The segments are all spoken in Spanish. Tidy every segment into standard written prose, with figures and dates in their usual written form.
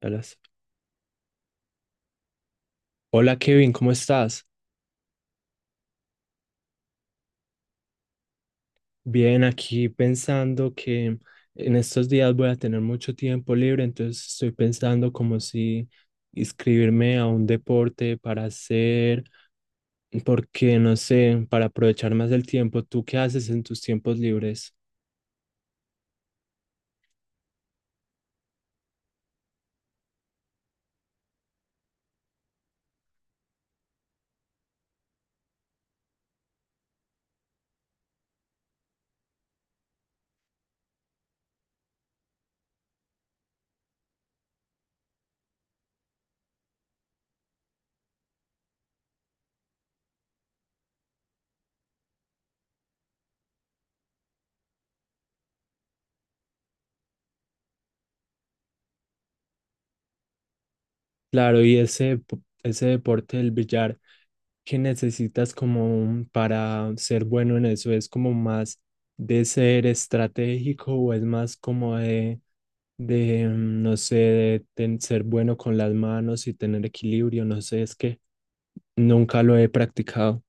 Alas. Hola Kevin, ¿cómo estás? Bien, aquí pensando que en estos días voy a tener mucho tiempo libre, entonces estoy pensando como si inscribirme a un deporte para hacer, porque no sé, para aprovechar más el tiempo. ¿Tú qué haces en tus tiempos libres? Claro, y ese, ese deporte del billar, que necesitas como para ser bueno en eso? ¿Es como más de ser estratégico o es más como no sé, de ser bueno con las manos y tener equilibrio? No sé, es que nunca lo he practicado.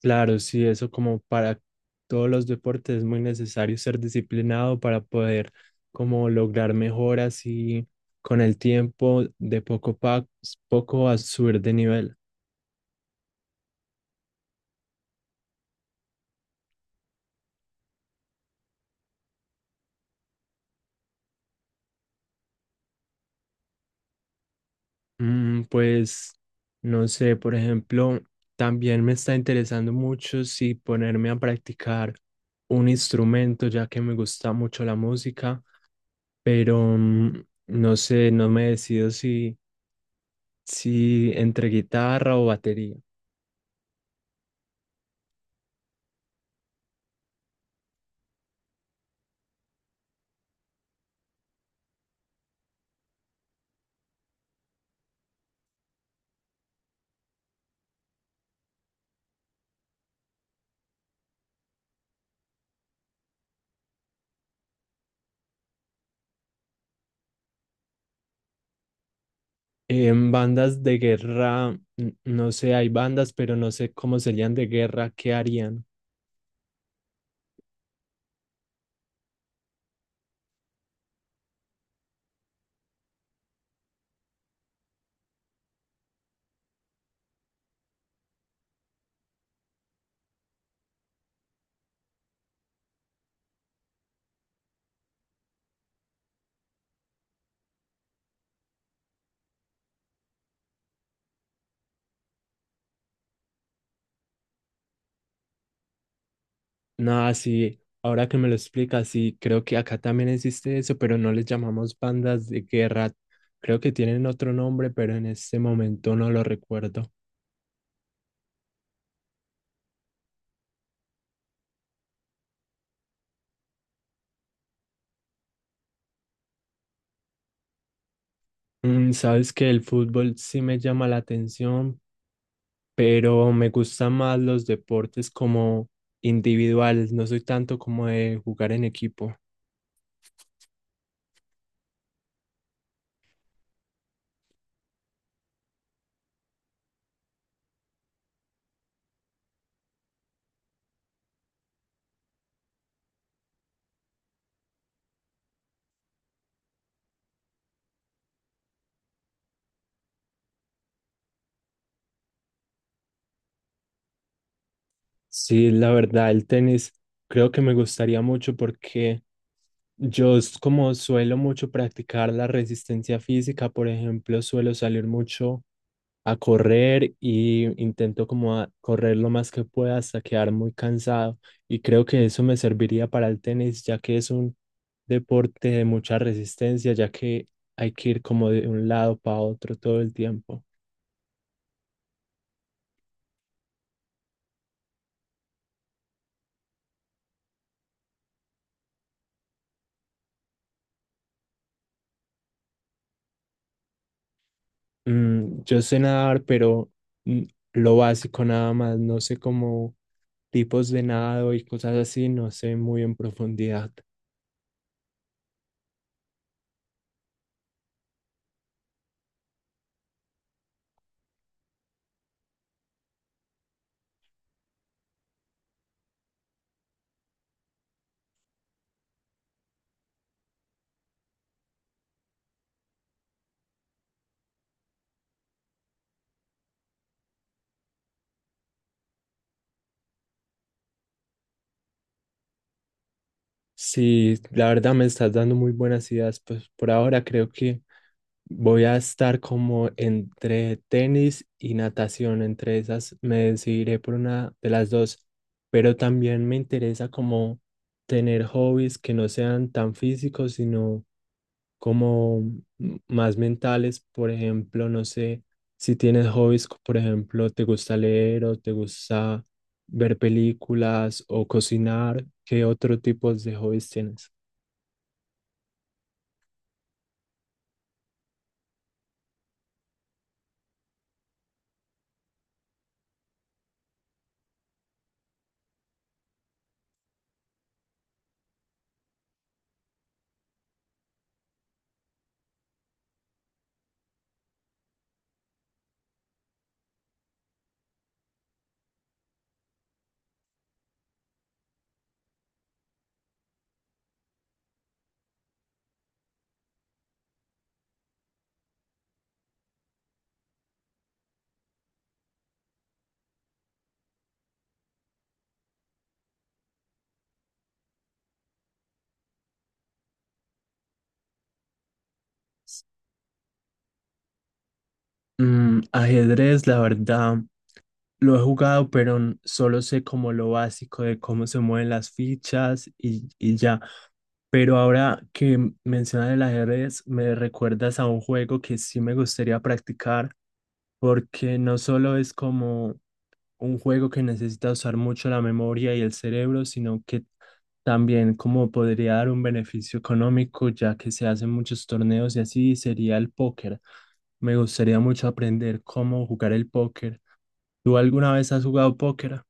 Claro, sí, eso como para todos los deportes es muy necesario ser disciplinado para poder como lograr mejoras y con el tiempo de poco a subir de nivel. Pues no sé, por ejemplo, también me está interesando mucho si ponerme a practicar un instrumento, ya que me gusta mucho la música, pero no sé, no me decido si entre guitarra o batería. ¿En bandas de guerra? No sé, hay bandas, pero no sé cómo serían de guerra, qué harían. Nada, sí, ahora que me lo explicas, sí, creo que acá también existe eso, pero no les llamamos bandas de guerra. Creo que tienen otro nombre, pero en este momento no lo recuerdo. Mm, sabes que el fútbol sí me llama la atención, pero me gustan más los deportes como individuales, no soy tanto como de jugar en equipo. Sí, la verdad, el tenis creo que me gustaría mucho porque como suelo mucho practicar la resistencia física. Por ejemplo, suelo salir mucho a correr y intento como a correr lo más que pueda hasta quedar muy cansado. Y creo que eso me serviría para el tenis, ya que es un deporte de mucha resistencia, ya que hay que ir como de un lado para otro todo el tiempo. Mm, yo sé nadar, pero mm, lo básico nada más, no sé cómo tipos de nado y cosas así, no sé muy en profundidad. Sí, la verdad me estás dando muy buenas ideas. Pues por ahora creo que voy a estar como entre tenis y natación. Entre esas me decidiré por una de las dos. Pero también me interesa como tener hobbies que no sean tan físicos, sino como más mentales. Por ejemplo, no sé, si tienes hobbies, por ejemplo, te gusta leer o te gusta ver películas o cocinar, ¿qué otro tipo de hobbies tienes? Mm, ajedrez, la verdad, lo he jugado, pero solo sé como lo básico de cómo se mueven las fichas y ya. Pero ahora que mencionas el ajedrez, me recuerdas a un juego que sí me gustaría practicar, porque no solo es como un juego que necesita usar mucho la memoria y el cerebro, sino que también como podría dar un beneficio económico, ya que se hacen muchos torneos, y así sería el póker. Me gustaría mucho aprender cómo jugar el póker. ¿Tú alguna vez has jugado póker?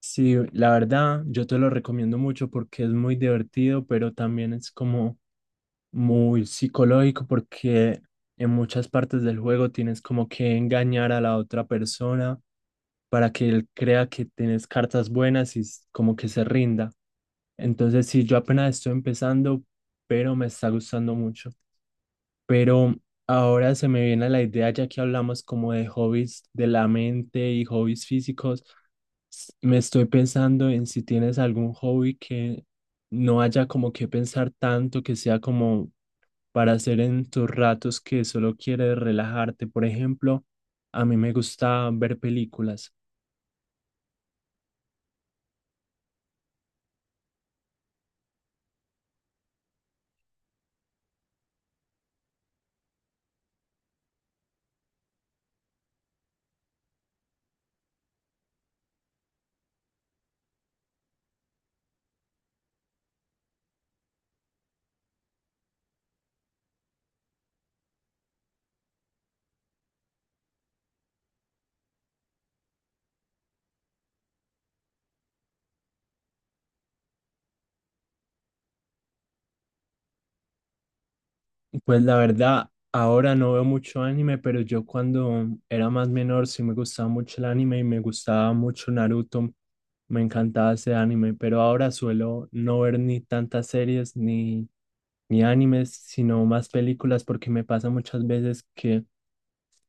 Sí, la verdad, yo te lo recomiendo mucho porque es muy divertido, pero también es como muy psicológico porque en muchas partes del juego tienes como que engañar a la otra persona para que él crea que tienes cartas buenas y como que se rinda. Entonces, sí, yo apenas estoy empezando, pero me está gustando mucho. Pero ahora se me viene la idea, ya que hablamos como de hobbies de la mente y hobbies físicos, me estoy pensando en si tienes algún hobby que no haya como que pensar tanto, que sea como para hacer en tus ratos que solo quieres relajarte. Por ejemplo, a mí me gusta ver películas. Pues la verdad, ahora no veo mucho anime, pero yo cuando era más menor sí me gustaba mucho el anime y me gustaba mucho Naruto. Me encantaba ese anime, pero ahora suelo no ver ni tantas series ni animes, sino más películas, porque me pasa muchas veces que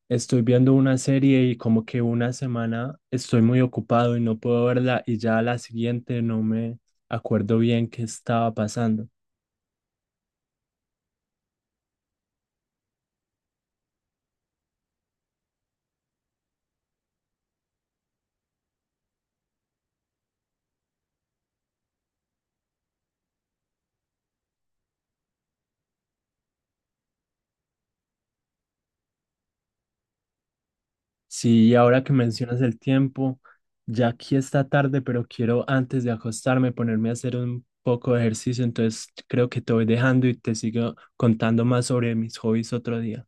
estoy viendo una serie y como que una semana estoy muy ocupado y no puedo verla y ya a la siguiente no me acuerdo bien qué estaba pasando. Sí, y ahora que mencionas el tiempo, ya aquí está tarde, pero quiero antes de acostarme ponerme a hacer un poco de ejercicio, entonces creo que te voy dejando y te sigo contando más sobre mis hobbies otro día.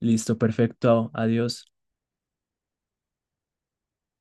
Listo, perfecto, adiós.